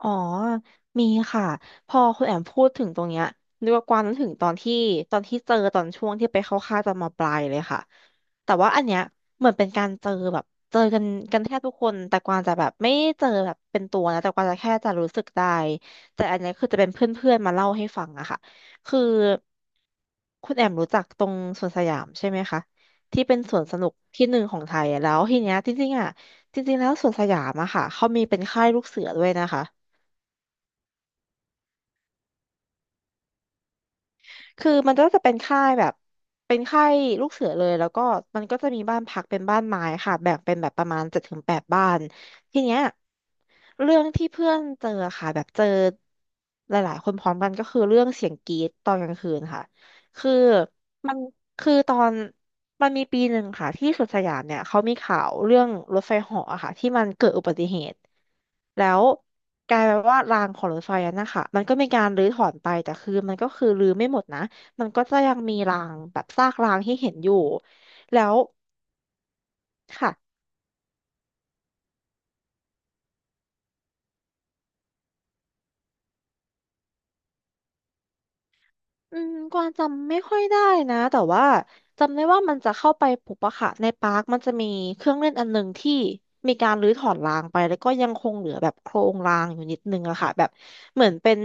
อ๋อมีค่ะพอคุณแอมพูดถึงตรงเนี้ยนึกว่ากวางนึกถึงตอนที่เจอตอนช่วงที่ไปเข้าค่ายตอนมปลายเลยค่ะแต่ว่าอันเนี้ยเหมือนเป็นการเจอแบบเจอกันแทบทุกคนแต่กวางจะแบบไม่เจอแบบเป็นตัวนะแต่กวางจะแค่จะรู้สึกได้แต่อันเนี้ยคือจะเป็นเพื่อนๆมาเล่าให้ฟังอะค่ะคือคุณแอมรู้จักตรงสวนสยามใช่ไหมคะที่เป็นสวนสนุกที่หนึ่งของไทยอะแล้วทีเนี้ยจริงๆอะจริงๆแล้วสวนสยามอะค่ะเขามีเป็นค่ายลูกเสือด้วยนะคะ คือมันก็จะเป็นค่ายแบบเป็นค่ายลูกเสือเลยแล้วก็มันก็จะมีบ้านพักเป็นบ้านไม้ค่ะแบ่งเป็นแบบประมาณเจ็ดถึงแปดบ้านทีเนี้ยเรื่องที่เพื่อนเจอค่ะแบบเจอหลายๆคนพร้อมกันก็คือเรื่องเสียงกรี๊ดตอนกลางคืนค่ะคือมันคือตอน มันมีปีหนึ่งค่ะที่สุดสยามเนี่ยเขามีข่าวเรื่องรถไฟเหาะอะค่ะที่มันเกิดอุบัติเหตุแล้วกลายเป็นว่ารางของรถไฟนั้นนะคะมันก็มีการรื้อถอนไปแต่คือมันก็คือรื้อไม่หมดนะมันก็จะยังมีรางแบบซากรางที่เห็นอยู่แล้วค่ะ กวางจำไม่ค่อยได้นะแต่ว่าจำได้ว่ามันจะเข้าไปปุบอะค่ะในปาร์คมันจะมีเครื่องเล่นอันหนึ่งที่มีการรื้อถอนรางไปแล้วก็ยังคงเหลือแบบโครงรางอยู่นิดนึงอะค่ะแบบเหมือนเป็น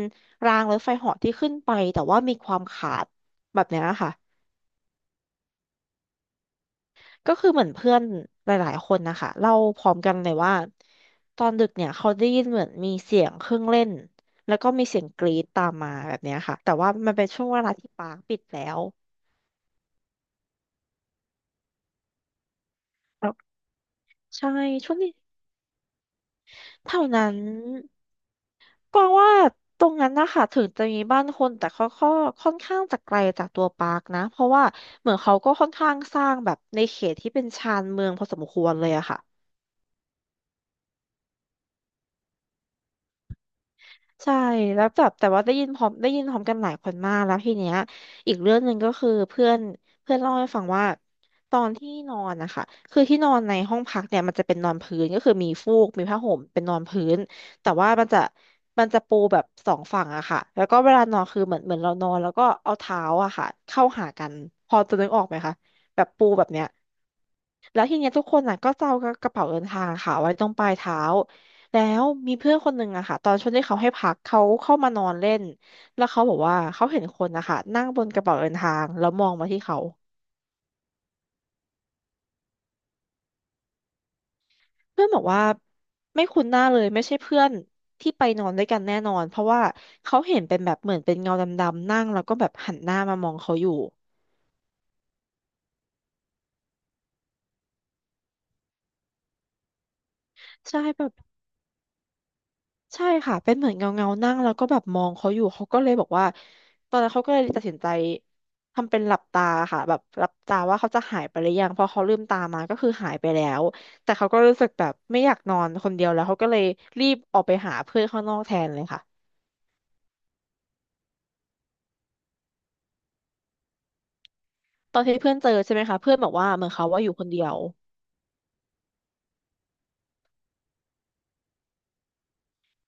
รางรถไฟเหาะที่ขึ้นไปแต่ว่ามีความขาดแบบเนี้ยค่ะก็คือเหมือนเพื่อนหลายๆคนนะคะเล่าพร้อมกันเลยว่าตอนดึกเนี่ยเขาได้ยินเหมือนมีเสียงเครื่องเล่นแล้วก็มีเสียงกรี๊ดตามมาแบบเนี้ยค่ะแต่ว่ามันเป็นช่วงเวลาที่ปาร์คปิดแล้ว ใช่ ช่วงนี้แถวนั้นกวางว่าตรงนั้นนะคะถึงจะมีบ้านคนแต่เขาก็ค่อนข้างจะไกลจากตัวปาร์คนะ เพราะว่าเหมือนเขาก็ค่อนข้างสร้างแบบในเขตที่เป็นชานเมืองพอสมควรเลยอะค่ะ ใช่แล้วแบบแต่ว่าได้ยินพร้อมกันหลายคนมากแล้วทีเนี้ยอีกเรื่องหนึ่งก็คือเพื่อนเพื่อนเล่าให้ฟังว่าตอนที่นอนนะคะคือที่นอนในห้องพักเนี่ยมันจะเป็นนอนพื้นก็คือมีฟูกมีผ้าห่มเป็นนอนพื้นแต่ว่ามันจะปูแบบสองฝั่งอะค่ะแล้วก็เวลานอนคือเหมือนเรานอนแล้วก็เอาเท้าอะค่ะเข้าหากันพอจะนึกออกไหมคะแบบปูแบบเนี้ย แล้วทีเนี้ยทุกคนอ่ะก็จะเอากระเป๋าเดินทางอะค่ะไว้ตรงปลายเท้าแล้วมีเพื่อนคนหนึ่งอะค่ะตอนช่วงที่เขาให้พักเขาเข้ามานอนเล่นแล้วเขาบอกว่าเขาเห็นคนนะคะนั่งบนกระเป๋าเดินทางแล้วมองมาที่เขาเพื่อนบอกว่าไม่คุ้นหน้าเลยไม่ใช่เพื่อนที่ไปนอนด้วยกันแน่นอนเพราะว่าเขาเห็นเป็นแบบเหมือนเป็นเงาดำๆนั่งแล้วก็แบบหันหน้ามามองเขาอยู่ใช่แบบ ใช่ค่ะเป็นเหมือนเงาเงานั่งแล้วก็แบบมองเขาอยู่เขาก็เลยบอกว่าตอนนั้นเขาก็เลยตัดสินใจทำเป็นหลับตาค่ะแบบหลับตาว่าเขาจะหายไปหรือยังพอเขาลืมตามาก็คือหายไปแล้วแต่เขาก็รู้สึกแบบไม่อยากนอนคนเดียวแล้วเขาก็เลยรีบออกไปหาเพื่อนข้างนอกแทนเลยค่ะตอนที่เพื่อนเจอใช่ไหมคะเพื่อนบอกว่าเหมือนเขาว่าอยู่คนเดียว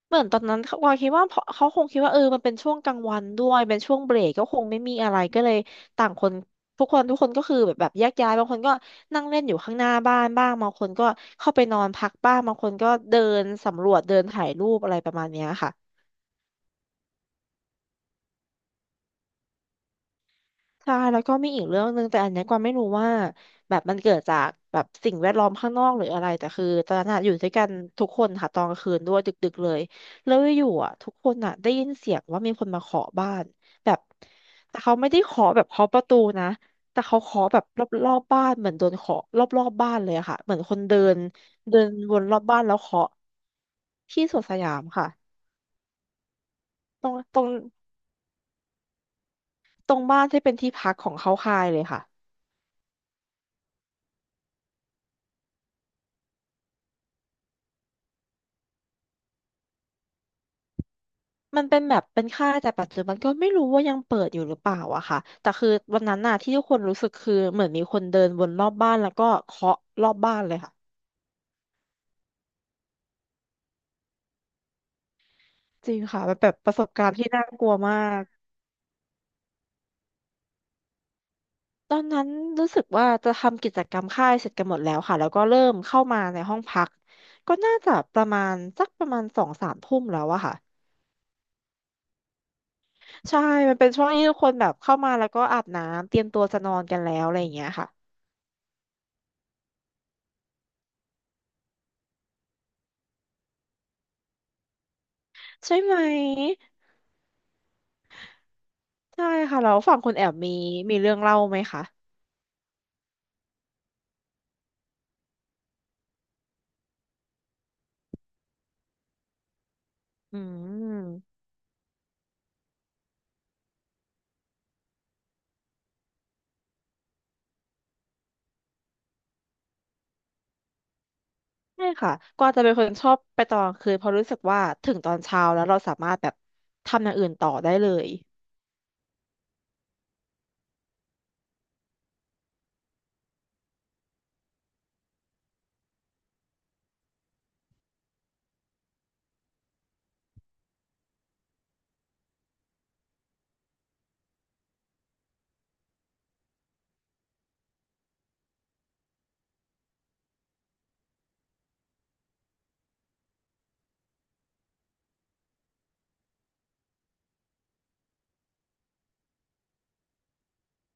เหมือนตอนนั้นเขาวาคิดว่าเพราะเขาคงคิดว่าเออมันเป็นช่วงกลางวันด้วยเป็นช่วงเบรกก็คงไม่มีอะไรก็เลยต่างคนทุกคนทุกคนก็คือแบบแยกย้ายบางคนก็นั่งเล่นอยู่ข้างหน้าบ้านบ้างบางคนก็เข้าไปนอนพักบ้างบางคนก็เดินสำรวจเดินถ่ายรูปอะไรประมาณเนี้ยค่ะ ใช่แล้วก็มีอีกเรื่องหนึ่งแต่อันเนี้ยกวางไม่รู้ว่าแบบมันเกิดจากแบบสิ่งแวดล้อมข้างนอกหรืออะไรแต่คือตอนนั้นอะอยู่ด้วยกันทุกคนค่ะตอนกลางคืนด้วยดึกๆเลยแล้วอยู่ๆอ่ะทุกคนอ่ะได้ยินเสียงว่ามีคนมาเคาะบ้านแบบแต่เขาไม่ได้เคาะแบบเคาะประตูนะแต่เขาเคาะแบบรอบๆบ้านเหมือนโดนเคาะรอบๆบ้านเลยอะค่ะเหมือนคนเดินเดินวนรอบบ้านแล้วเคาะที่สวนสยามค่ะตรงตรงตรงบ้านที่เป็นที่พักของเขาคายเลยค่ะ มันเป็นแบบเป็นค่ายแต่ปัจจุบันก็ไม่รู้ว่ายังเปิดอยู่หรือเปล่าอะค่ะแต่คือวันนั้นน่ะที่ทุกคนรู้สึกคือเหมือนมีคนเดินวนรอบบ้านแล้วก็เคาะรอบบ้านเลยค่ะจริงค่ะมันแบบประสบการณ์ที่น่ากลัวมากตอนนั้นรู้สึกว่าจะทำกิจกรรมค่ายเสร็จกันหมดแล้วค่ะแล้วก็เริ่มเข้ามาในห้องพักก็น่าจะประมาณสักประมาณสองสามทุ่มแล้วอะค่ะใช่มันเป็นช่วงที่ทุกคนแบบเข้ามาแล้วก็อาบน้ำเตรียมตัวจะนอนกันแล้วอะไรอย่างเงี้ยค่ะใช่ไหม ใช่ค่ะแล้วฝั่งคุณแอบมีมีเรื่องเล่าไหมคะอืมใช่ค่ะกวางจะเป็นคนชอบไปตอนกลางคืนเพราะรู้สึกว่าถึงตอนเช้าแล้วเราสามารถแบบทำอย่างอื่นต่อได้เลย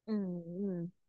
อืม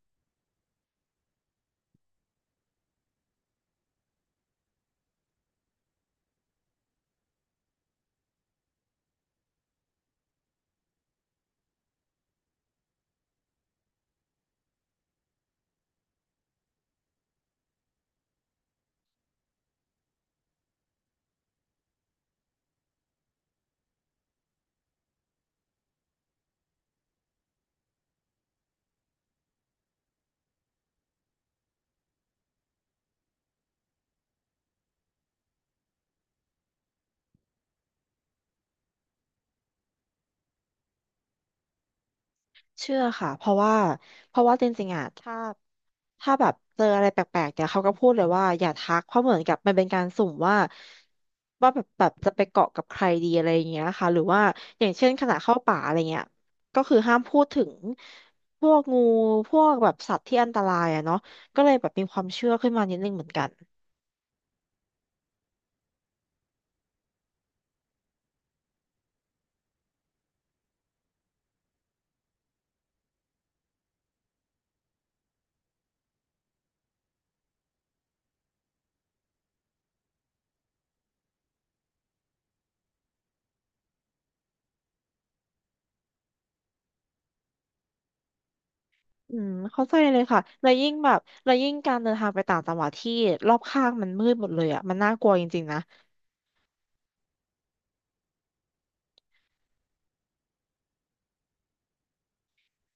เชื่อค่ะเพราะว่าเพราะว่าจริงๆอ่ะถ้า ถ้าแบบเจออะไรแปลกๆเนี่ยเขาก็พูดเลยว่าอย่าทักเพราะเหมือนกับมันเป็นการสุ่มว่าว่าแบบจะไปเกาะกับใครดีอะไรอย่างเงี้ยค่ะหรือว่าอย่างเช่นขณะเข้าป่าอะไรเงี้ยก็คือห้ามพูดถึงพวกงูพวกแบบสัตว์ที่อันตรายอะเนาะก็เลยแบบมีความเชื่อขึ้นมานิดนึงเหมือนกันอืมเข้าใจเลยค่ะแล้วยิ่งแบบแล้วยิ่งการเดินทางไปต่างจังหวัดที่รอบข้างมันมืดหมดเลยอะมันน่ากลัวจริงๆนะ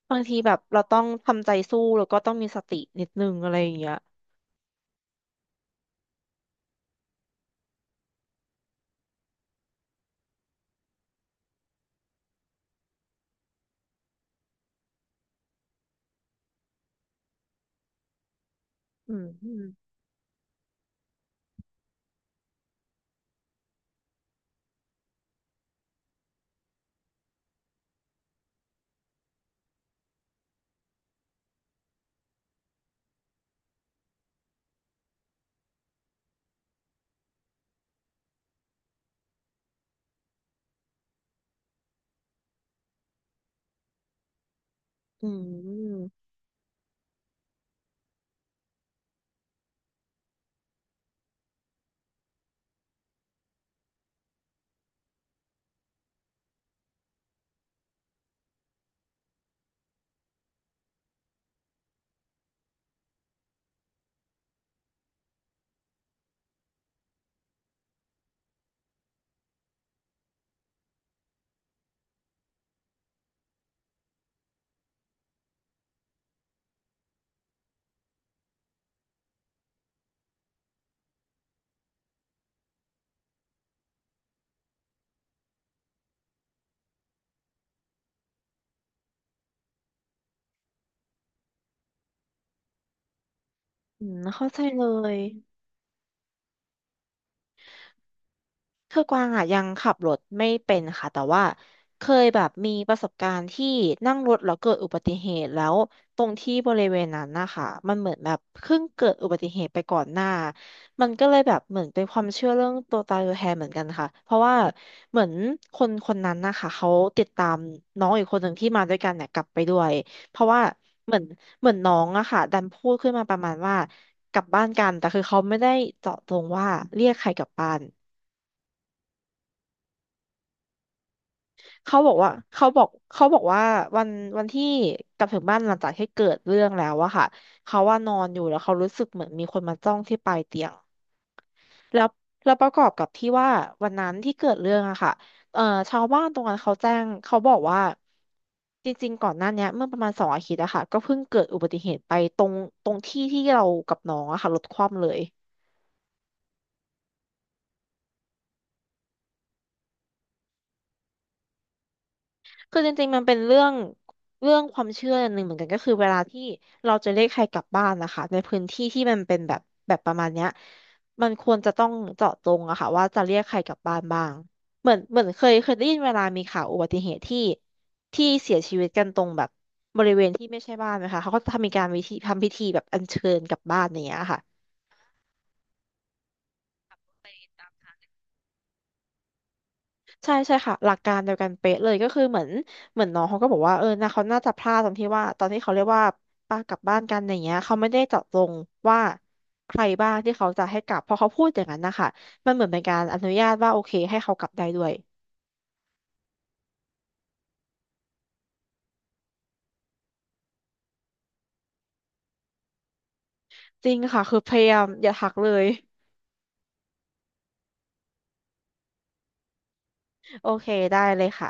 บางทีแบบเราต้องทำใจสู้แล้วก็ต้องมีสตินิดนึงอะไรอย่างเงี้ยอืม อืมอืมเข้าใจเลยอ คือกวางอ่ะยังขับรถไม่เป็นค่ะแต่ว่าเคยแบบมีประสบการณ์ที่นั่งรถแล้วเกิดอุบัติเหตุแล้วตรงที่บริเวณนั้นนะคะมันเหมือนแบบเพิ่งเกิดอุบัติเหตุไปก่อนหน้ามันก็เลยแบบเหมือนเป็นความเชื่อเรื่องตัวตายตัวแทนเหมือนกันค่ะเพราะว่าเหมือนคนคนนั้นนะคะเขาติดตามน้องอีกคนหนึ่งที่มาด้วยกันเนี่ยกลับไปด้วยเพราะว่าเหมือนเหมือนน้องอะค่ะดันพูดขึ้นมาประมาณว่ากลับบ้านกันแต่คือเขาไม่ได้เจาะจงว่าเรียกใครกลับบ้าน เขาบอกว่าเขาบอกเขาบอกว่าวันวันที่กลับถึงบ้านหลังจากที่เกิดเรื่องแล้วอะค่ะเขาว่านอนอยู่แล้วเขารู้สึกเหมือนมีคนมาจ้องที่ปลายเตียงแล้วแล้วประกอบกับที่ว่าวันนั้นที่เกิดเรื่องอะค่ะเอ่อชาวบ้านตรงนั้นเขาแจ้งเขาบอกว่าจริงๆก่อนหน้าเนี้ยเมื่อประมาณสองอาทิตย์อะค่ะก็เพิ่งเกิดอุบัติเหตุไปตรงตรงที่ที่เรากับน้องอะค่ะรถคว่ำเลย คือจริงๆมันเป็นเรื่องความเชื่อหนึ่งเหมือนกันก็คือเวลาที่เราจะเรียกใครกลับบ้านนะคะในพื้นที่ที่มันเป็นแบบประมาณเนี้ยมันควรจะต้องเจาะจงอะค่ะว่าจะเรียกใครกลับบ้านบ้างเหมือนเคยได้ยินเวลามีข่าวอุบัติเหตุที่ที่เสียชีวิตกันตรงแบบบริเวณที่ไม่ใช่บ้านนะคะเขาก็จะทำมีการวิธีทำพิธีแบบอัญเชิญกลับบ้านอย่างเงี้ยค่ะ ใช่ใช่ค่ะหลักการเดียวกันเป๊ะเลยก็คือเหมือนน้องเขาก็บอกว่าเออนะเขาน่าจะพลาดตรงที่ว่าตอนที่เขาเรียกว่าป้ากลับบ้านกันอย่างเงี้ยเขาไม่ได้เจาะจงว่าใครบ้างที่เขาจะให้กลับพอเขาพูดอย่างนั้นนะคะมันเหมือนเป็นการอนุญาตว่าโอเคให้เขากลับได้ด้วยจริงค่ะคือพยายามอย่าหักเลยโอเคได้เลยค่ะ